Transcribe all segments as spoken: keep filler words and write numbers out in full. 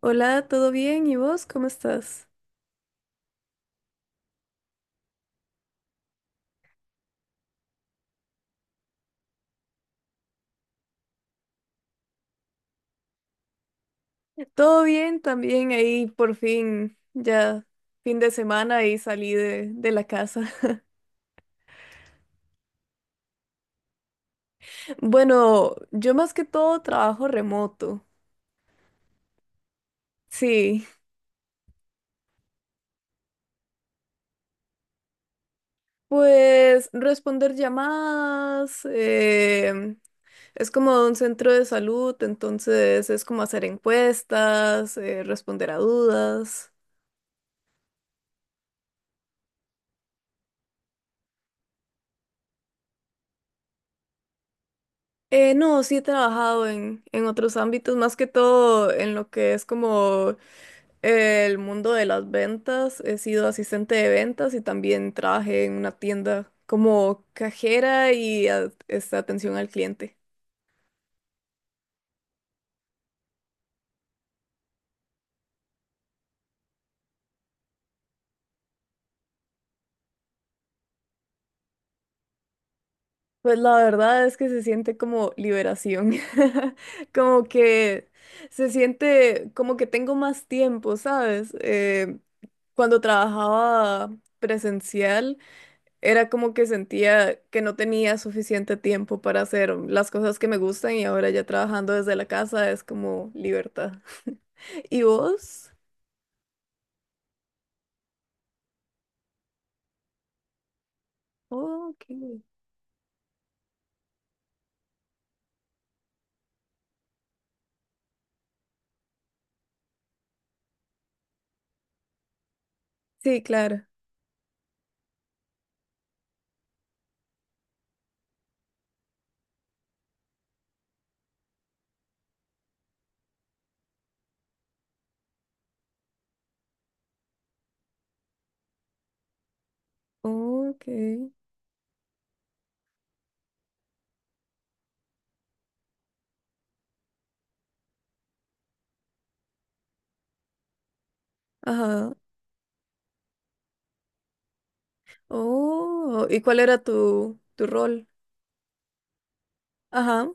Hola, ¿todo bien? ¿Y vos cómo estás? Todo bien, también ahí por fin, ya fin de semana y salí de, de la casa. Bueno, yo más que todo trabajo remoto. Sí, pues responder llamadas, em, es como un centro de salud, entonces es como hacer encuestas, eh, responder a dudas. Eh, no, sí he trabajado en, en otros ámbitos, más que todo en lo que es como eh, el mundo de las ventas. He sido asistente de ventas y también trabajé en una tienda como cajera y a- este, atención al cliente. Pues la verdad es que se siente como liberación, como que se siente como que tengo más tiempo, ¿sabes? Eh, cuando trabajaba presencial. Era como que sentía que no tenía suficiente tiempo para hacer las cosas que me gustan y ahora ya trabajando desde la casa es como libertad. ¿Y vos? Ok. Sí, claro. Oh, ok. Ajá. Oh, ¿y cuál era tu, tu rol? Ajá.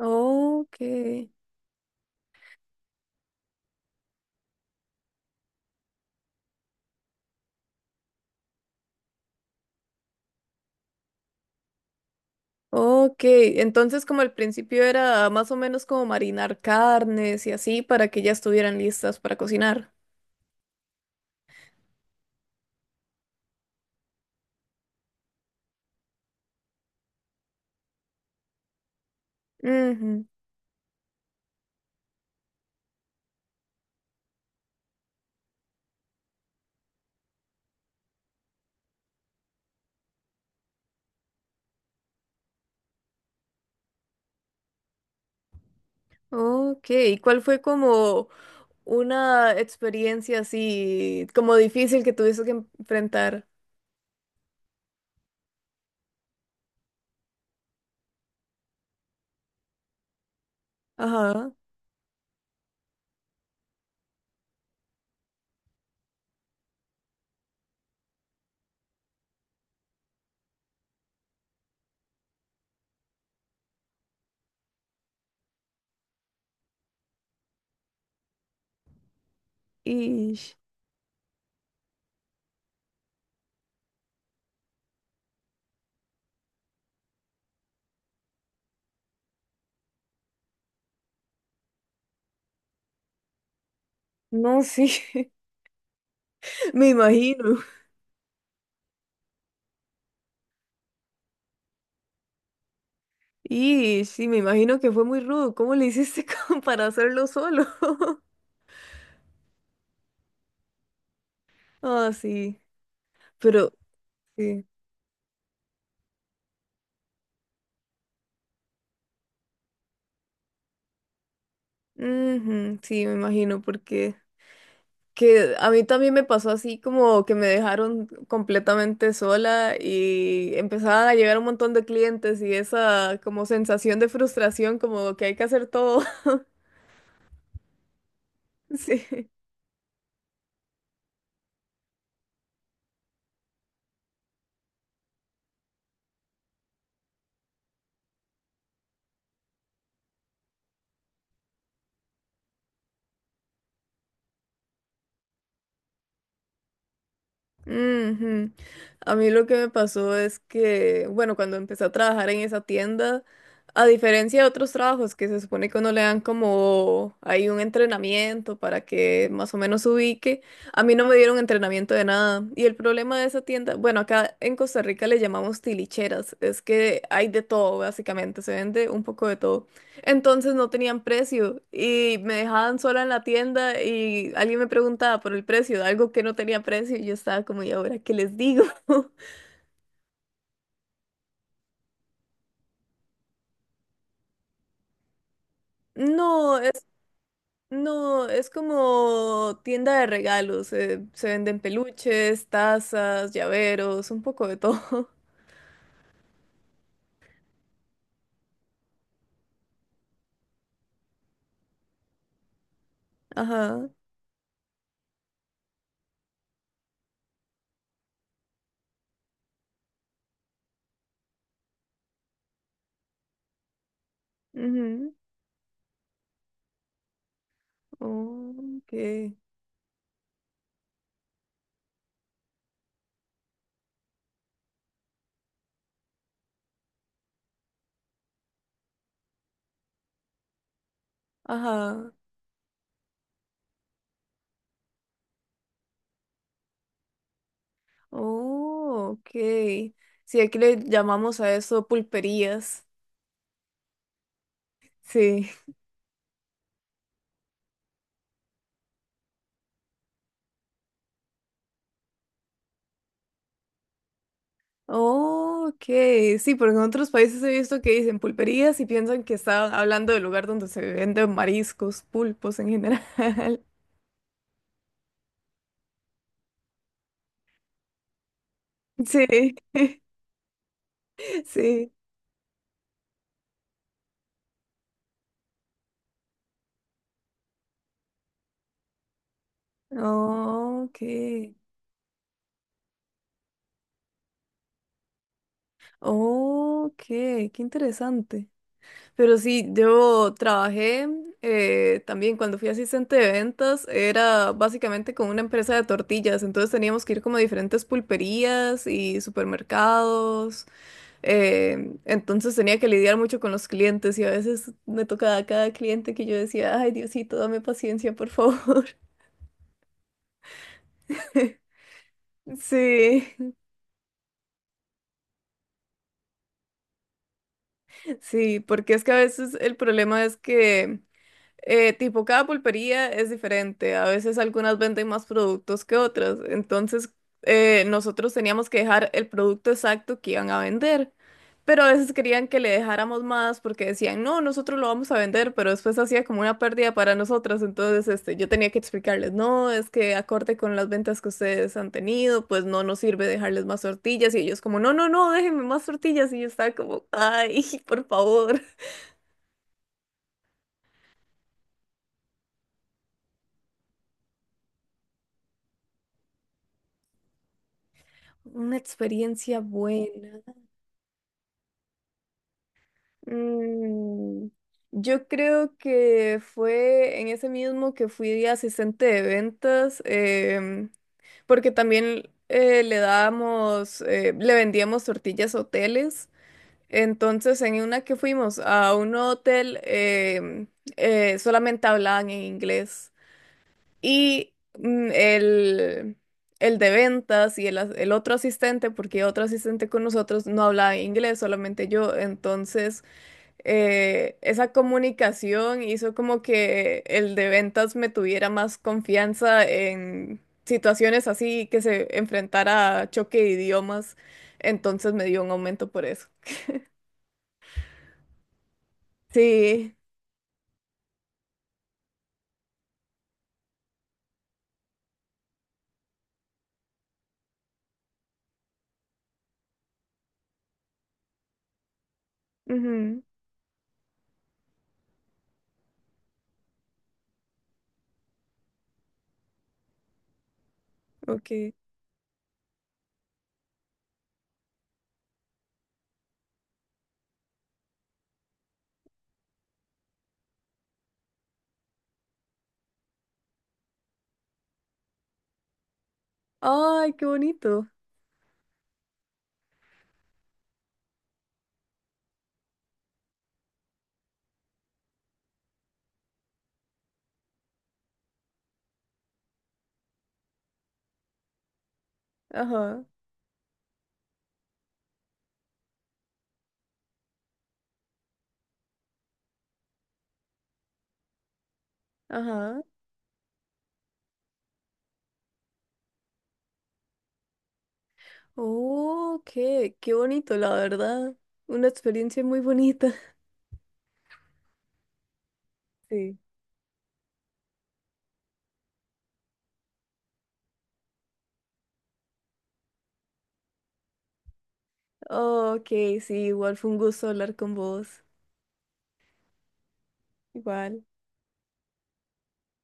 Oh, ok. Oh, ok. Entonces, como al principio era más o menos como marinar carnes y así para que ya estuvieran listas para cocinar. Ujú. Ok. ¿Y cuál fue como una experiencia así como difícil que tuviste que enfrentar? Ajá. Y no, sí, me imagino. Y sí, me imagino que fue muy rudo. ¿Cómo le hiciste como para hacerlo solo? Ah, sí. Pero sí. Ujú, sí, me imagino porque que a mí también me pasó así como que me dejaron completamente sola y empezaban a llegar un montón de clientes y esa como sensación de frustración como que hay que hacer todo. Sí. Ujú. A mí lo que me pasó es que, bueno, cuando empecé a trabajar en esa tienda, a diferencia de otros trabajos que se supone que uno le dan como hay un entrenamiento para que más o menos se ubique, a mí no me dieron entrenamiento de nada. Y el problema de esa tienda, bueno, acá en Costa Rica le llamamos tilicheras, es que hay de todo, básicamente, se vende un poco de todo. Entonces no tenían precio y me dejaban sola en la tienda y alguien me preguntaba por el precio de algo que no tenía precio y yo estaba como, ¿y ahora qué les digo? No, es, no, es como tienda de regalos. Eh, se venden peluches, tazas, llaveros, un poco de todo. Ajá. Ujú, oh, ok. Ajá. Oh, ok. Sí, aquí le llamamos a eso pulperías. Sí. Oh, ok, sí, porque en otros países he visto que dicen pulperías y piensan que están hablando del lugar donde se venden mariscos, pulpos en general. Sí, sí. Oh, ok. Oh, ok, qué interesante. Pero sí, yo trabajé eh, también cuando fui asistente de ventas, era básicamente con una empresa de tortillas, entonces teníamos que ir como a diferentes pulperías y supermercados. Eh, entonces tenía que lidiar mucho con los clientes y a veces me tocaba a cada cliente que yo decía, ay Diosito, dame paciencia, por favor. Sí, sí, porque es que a veces el problema es que Eh, tipo, cada pulpería es diferente. A veces algunas venden más productos que otras. Entonces, eh, nosotros teníamos que dejar el producto exacto que iban a vender. Pero a veces querían que le dejáramos más porque decían, no, nosotros lo vamos a vender, pero después hacía como una pérdida para nosotras. Entonces, este, yo tenía que explicarles, no, es que acorde con las ventas que ustedes han tenido, pues no nos sirve dejarles más tortillas. Y ellos como, no, no, no, déjenme más tortillas. Y yo estaba como, ay, por favor. Una experiencia buena. Mm, yo creo que fue en ese mismo que fui de asistente de ventas, em, porque también eh, le dábamos, eh, le vendíamos tortillas a hoteles. Entonces, en una que fuimos a un hotel, em, eh, solamente hablaban en inglés. Y mm, el, el de ventas y el, as- el otro asistente, porque otro asistente con nosotros no hablaba inglés, solamente yo. Entonces eh, esa comunicación hizo como que el de ventas me tuviera más confianza en situaciones así que se enfrentara a choque de idiomas. Entonces me dio un aumento por eso. Sí. Ujú, ok. Ay, qué bonito. Ajá. Ajá. Oh, qué, qué bonito, la verdad. Una experiencia muy bonita. Sí. Oh, ok, sí, igual fue un gusto hablar con vos. Igual.